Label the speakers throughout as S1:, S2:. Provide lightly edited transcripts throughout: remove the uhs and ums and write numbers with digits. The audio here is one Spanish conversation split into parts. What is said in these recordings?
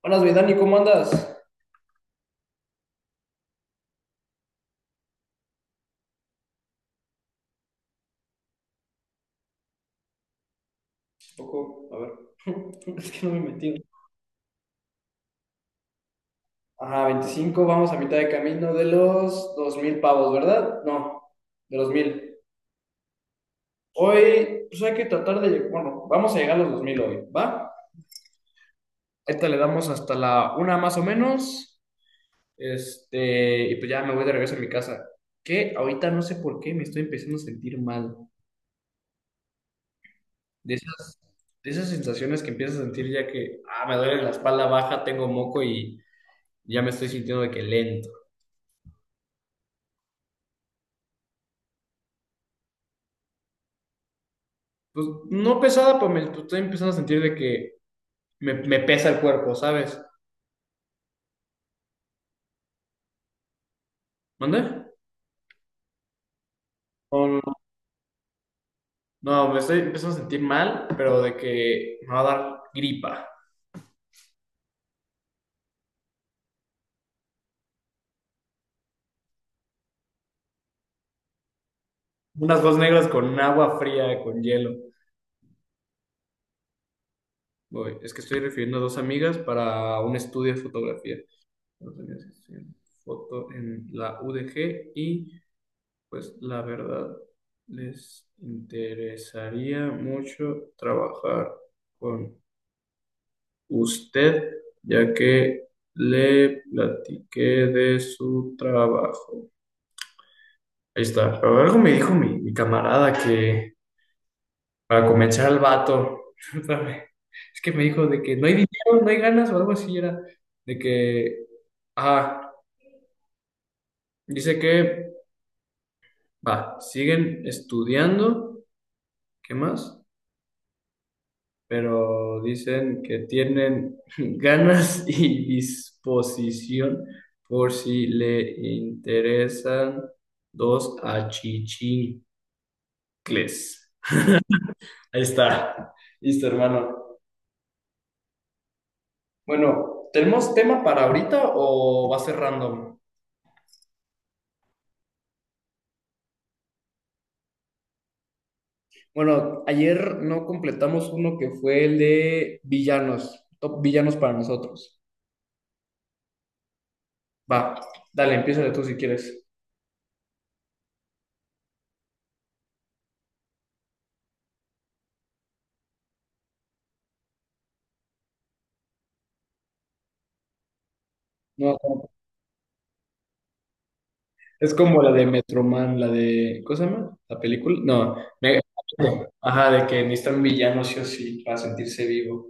S1: Buenas, mi Dani, ¿cómo andas? Un poco, a ver, es que no me he metido. Ajá, 25, vamos a mitad de camino de los 2000 pavos, ¿verdad? No, de los mil. Hoy, pues hay que tratar de, bueno, vamos a llegar a los 2000 hoy, ¿va? Ahorita le damos hasta la una más o menos, y pues ya me voy de regreso a mi casa. Que ahorita no sé por qué me estoy empezando a sentir mal. De esas, de esas sensaciones que empiezas a sentir ya que, ah, me duele la espalda baja, tengo moco y ya me estoy sintiendo de que lento. Pues no pesada, pero me pues, estoy empezando a sentir de que me pesa el cuerpo, ¿sabes? ¿Mande? No, no, no, me estoy empezando a sentir mal, pero de que me va a dar gripa. Unas dos negras con agua fría, con hielo. Voy, es que estoy refiriendo a dos amigas para un estudio de fotografía. Dos amigas que estudian foto en la UDG y pues la verdad les interesaría mucho trabajar con usted, ya que le platiqué de su trabajo. Ahí está. Pero algo me dijo mi camarada que, para convencer al vato, es que me dijo de que no hay dinero, no hay ganas o algo así era, de que, ah, dice que, va, siguen estudiando, ¿qué más? Pero dicen que tienen ganas y disposición por si le interesan dos achichincles. Ahí está, listo, hermano. Bueno, ¿tenemos tema para ahorita o va a ser random? Bueno, ayer no completamos uno que fue el de villanos, top villanos para nosotros. Va, dale, empieza tú si quieres. No, es como la de Metroman, la de. ¿Cómo se llama? ¿La película? No. me- Ajá, de que necesitan villanos sí o sí para sentirse vivo.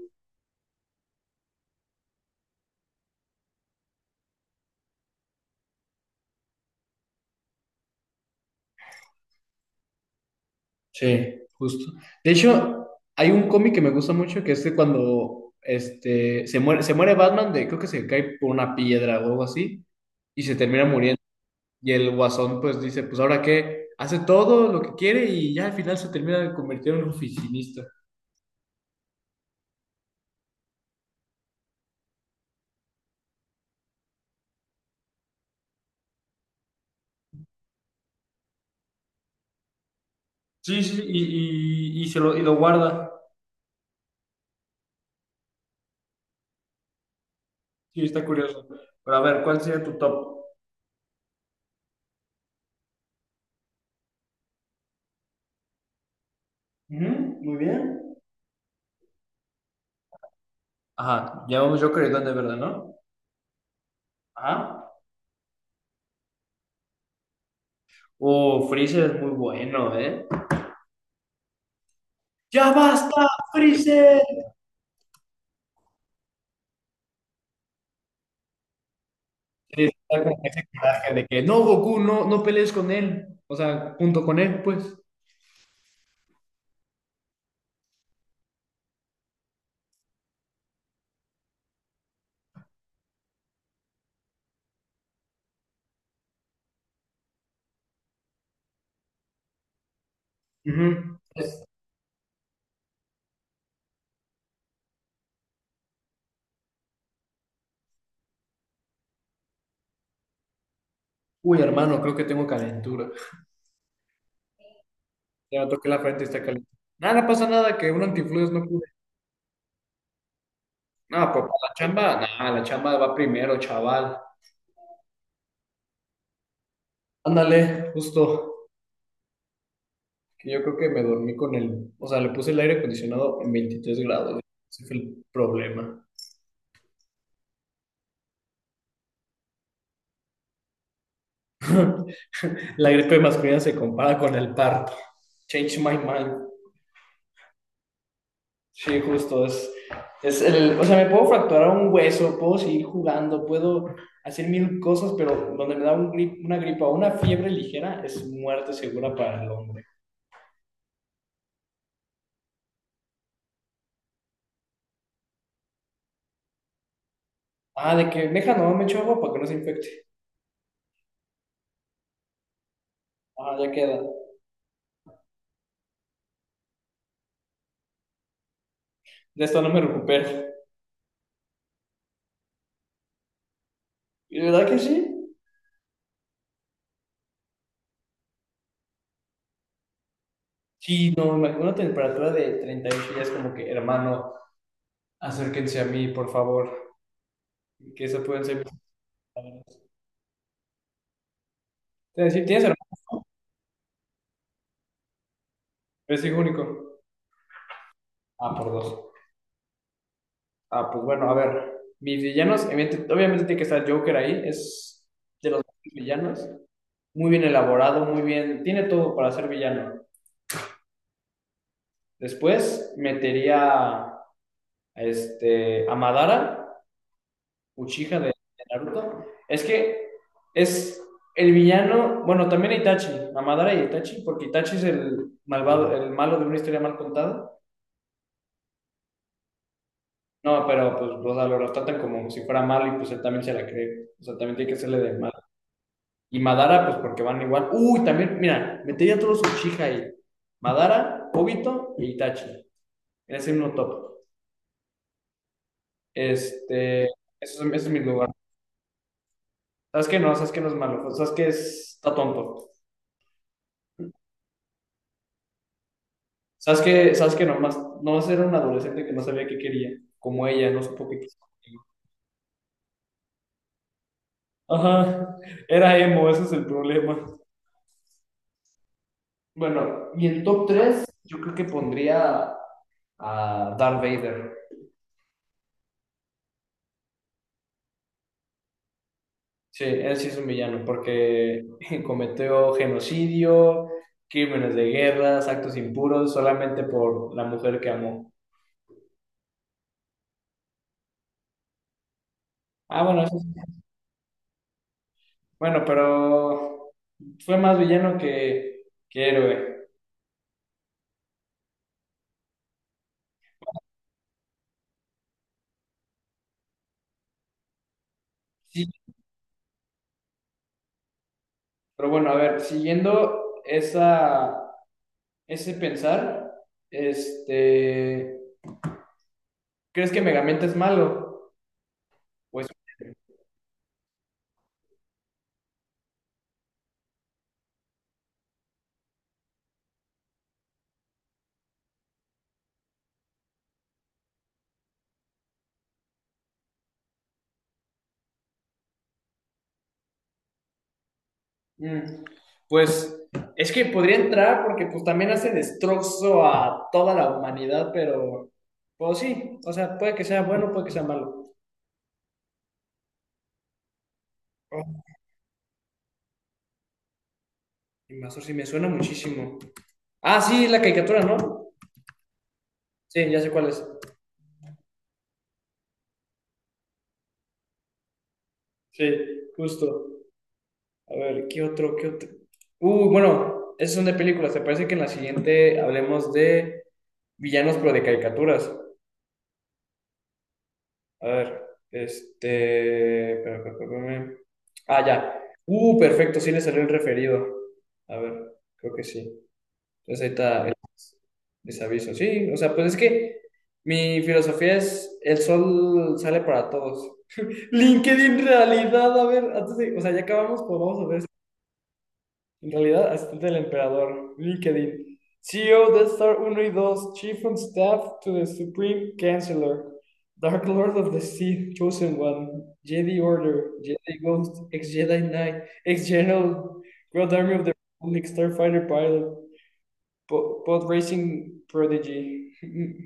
S1: Sí, justo. De hecho, hay un cómic que me gusta mucho que es de cuando se muere Batman, de, creo que se cae por una piedra o algo así, y se termina muriendo. Y el guasón pues dice, pues ahora qué, hace todo lo que quiere y ya al final se termina de convertir en un oficinista. Sí, sí, y se lo, y lo guarda. Sí, está curioso. Pero a ver, ¿cuál sería tu top? Ujú, muy bien. Ajá, llevamos Joker y Duende Verde, ¿no? Ajá. Freezer es muy bueno, ¿eh? ¡Ya basta, Freezer! Sí, está con ese coraje de que no, Goku, no, no pelees con él. O sea, junto con él, pues. Ujú. Es, uy, hermano, creo que tengo calentura. Ya toqué la frente y está caliente. Nada, no pasa nada, que un antifluidos no pude. No, pues para la chamba, nada, la chamba va primero, chaval. Ándale, justo. Que yo creo que me dormí con el, o sea, le puse el aire acondicionado en 23 grados. Ese fue el problema. La gripe masculina se compara con el parto. Change my mind. Sí, justo, es el, o sea, me puedo fracturar un hueso, puedo seguir jugando, puedo hacer mil cosas, pero donde me da un una gripa o una fiebre ligera es muerte segura para el hombre. Ah, de que, deja, no, me echo agua para que no se infecte. Ah, ya queda. De esto no me recupero. ¿Y de verdad que sí? Sí, no, me imagino una temperatura de 38 ya es como que, hermano, acérquense a mí, por favor. Que eso pueden ser. Te decir, tienes hermano, es hijo único. Ah, por dos. Ah, pues bueno, a ver. Mis villanos, obviamente tiene que estar Joker ahí, es de los villanos. Muy bien elaborado, muy bien. Tiene todo para ser villano. Después metería a a Madara Uchiha de Naruto. Es que es el villano, bueno, también Itachi, Amadara y Itachi, porque Itachi es el malvado, el malo de una historia mal contada. No, pero pues, o sea, lo tratan como si fuera malo y pues él también se la cree. O sea, también tiene que hacerle de mal. Y Madara, pues porque van igual. Uy, también, mira, metería a todos Uchiha ahí. Madara, Obito y Itachi. En ese mismo top. Este, ese es mi lugar. ¿Sabes qué no? ¿Sabes qué no es malo? ¿Sabes qué es? ¿Está tonto? Sabes que nomás, nomás era un adolescente que no sabía qué quería, como ella, no supo qué quiso. Ajá, era emo, ese es el problema. Bueno, y en top tres yo creo que pondría a Darth Vader. Sí, él sí es un villano porque cometió genocidio, crímenes de guerra, actos impuros solamente por la mujer que amó. Ah, bueno, eso sí. Bueno, pero fue más villano que héroe. Sí, pero bueno, a ver, siguiendo esa, ese pensar, este, ¿crees que Megamente es malo? Pues, mm, pues es que podría entrar porque pues también hace destrozo a toda la humanidad, pero pues sí, o sea, puede que sea bueno, puede que sea malo. Oh, Invasor sí me suena muchísimo. Ah, sí, la caricatura, ¿no? Sí, ya sé cuál es. Sí, justo. A ver, ¿qué otro? ¿Qué otro? Bueno, esos son de películas. ¿Te parece que en la siguiente hablemos de villanos, pero de caricaturas? A ver, espera, espera, espera, espérame. Ah, ya. Perfecto, sí le salió el referido. A ver, creo que sí. Entonces ahí está el desaviso. Sí, o sea, pues es que mi filosofía es: el sol sale para todos. LinkedIn realidad, a ver, o sea, ya acabamos, pues vamos a ver. En realidad, asistente del emperador, LinkedIn, CEO de Death Star uno y dos, Chief of Staff to the Supreme Chancellor, Dark Lord of the Sith Chosen One, Jedi Order, Jedi Ghost, ex-Jedi Knight, ex-General, Grand Army of the Republic, Starfighter Pilot, Pod Racing Prodigy,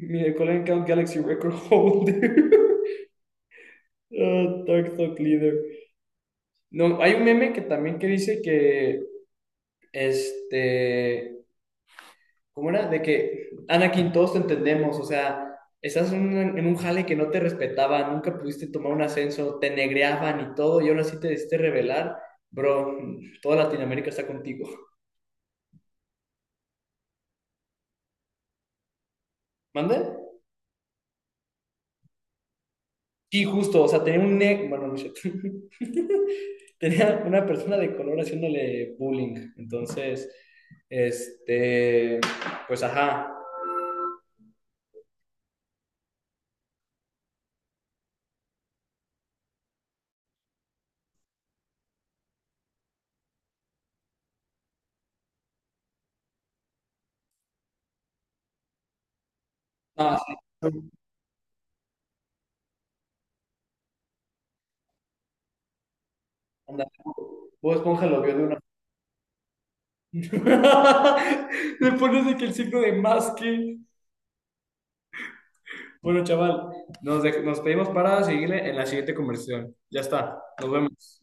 S1: Miracle Count Galaxy Record Holder, ah, Dark Talk Leader. No, hay un meme que también que dice que este ¿cómo era? De que, Anakin, todos te entendemos, o sea, estás en un jale que no te respetaba, nunca pudiste tomar un ascenso, te negreaban y todo, y ahora sí te decidiste rebelar, bro, toda Latinoamérica está contigo. ¿Mande? Sí, justo, o sea, tenía un ne... Bueno, no es cierto. Tenía una persona de color haciéndole bullying, entonces, este, pues ajá. Ah, sí. Anda. Bob Esponja lo vio de una le pones de que el signo de más que. Bueno, chaval, nos, nos pedimos para seguirle en la siguiente conversación. Ya está, nos vemos.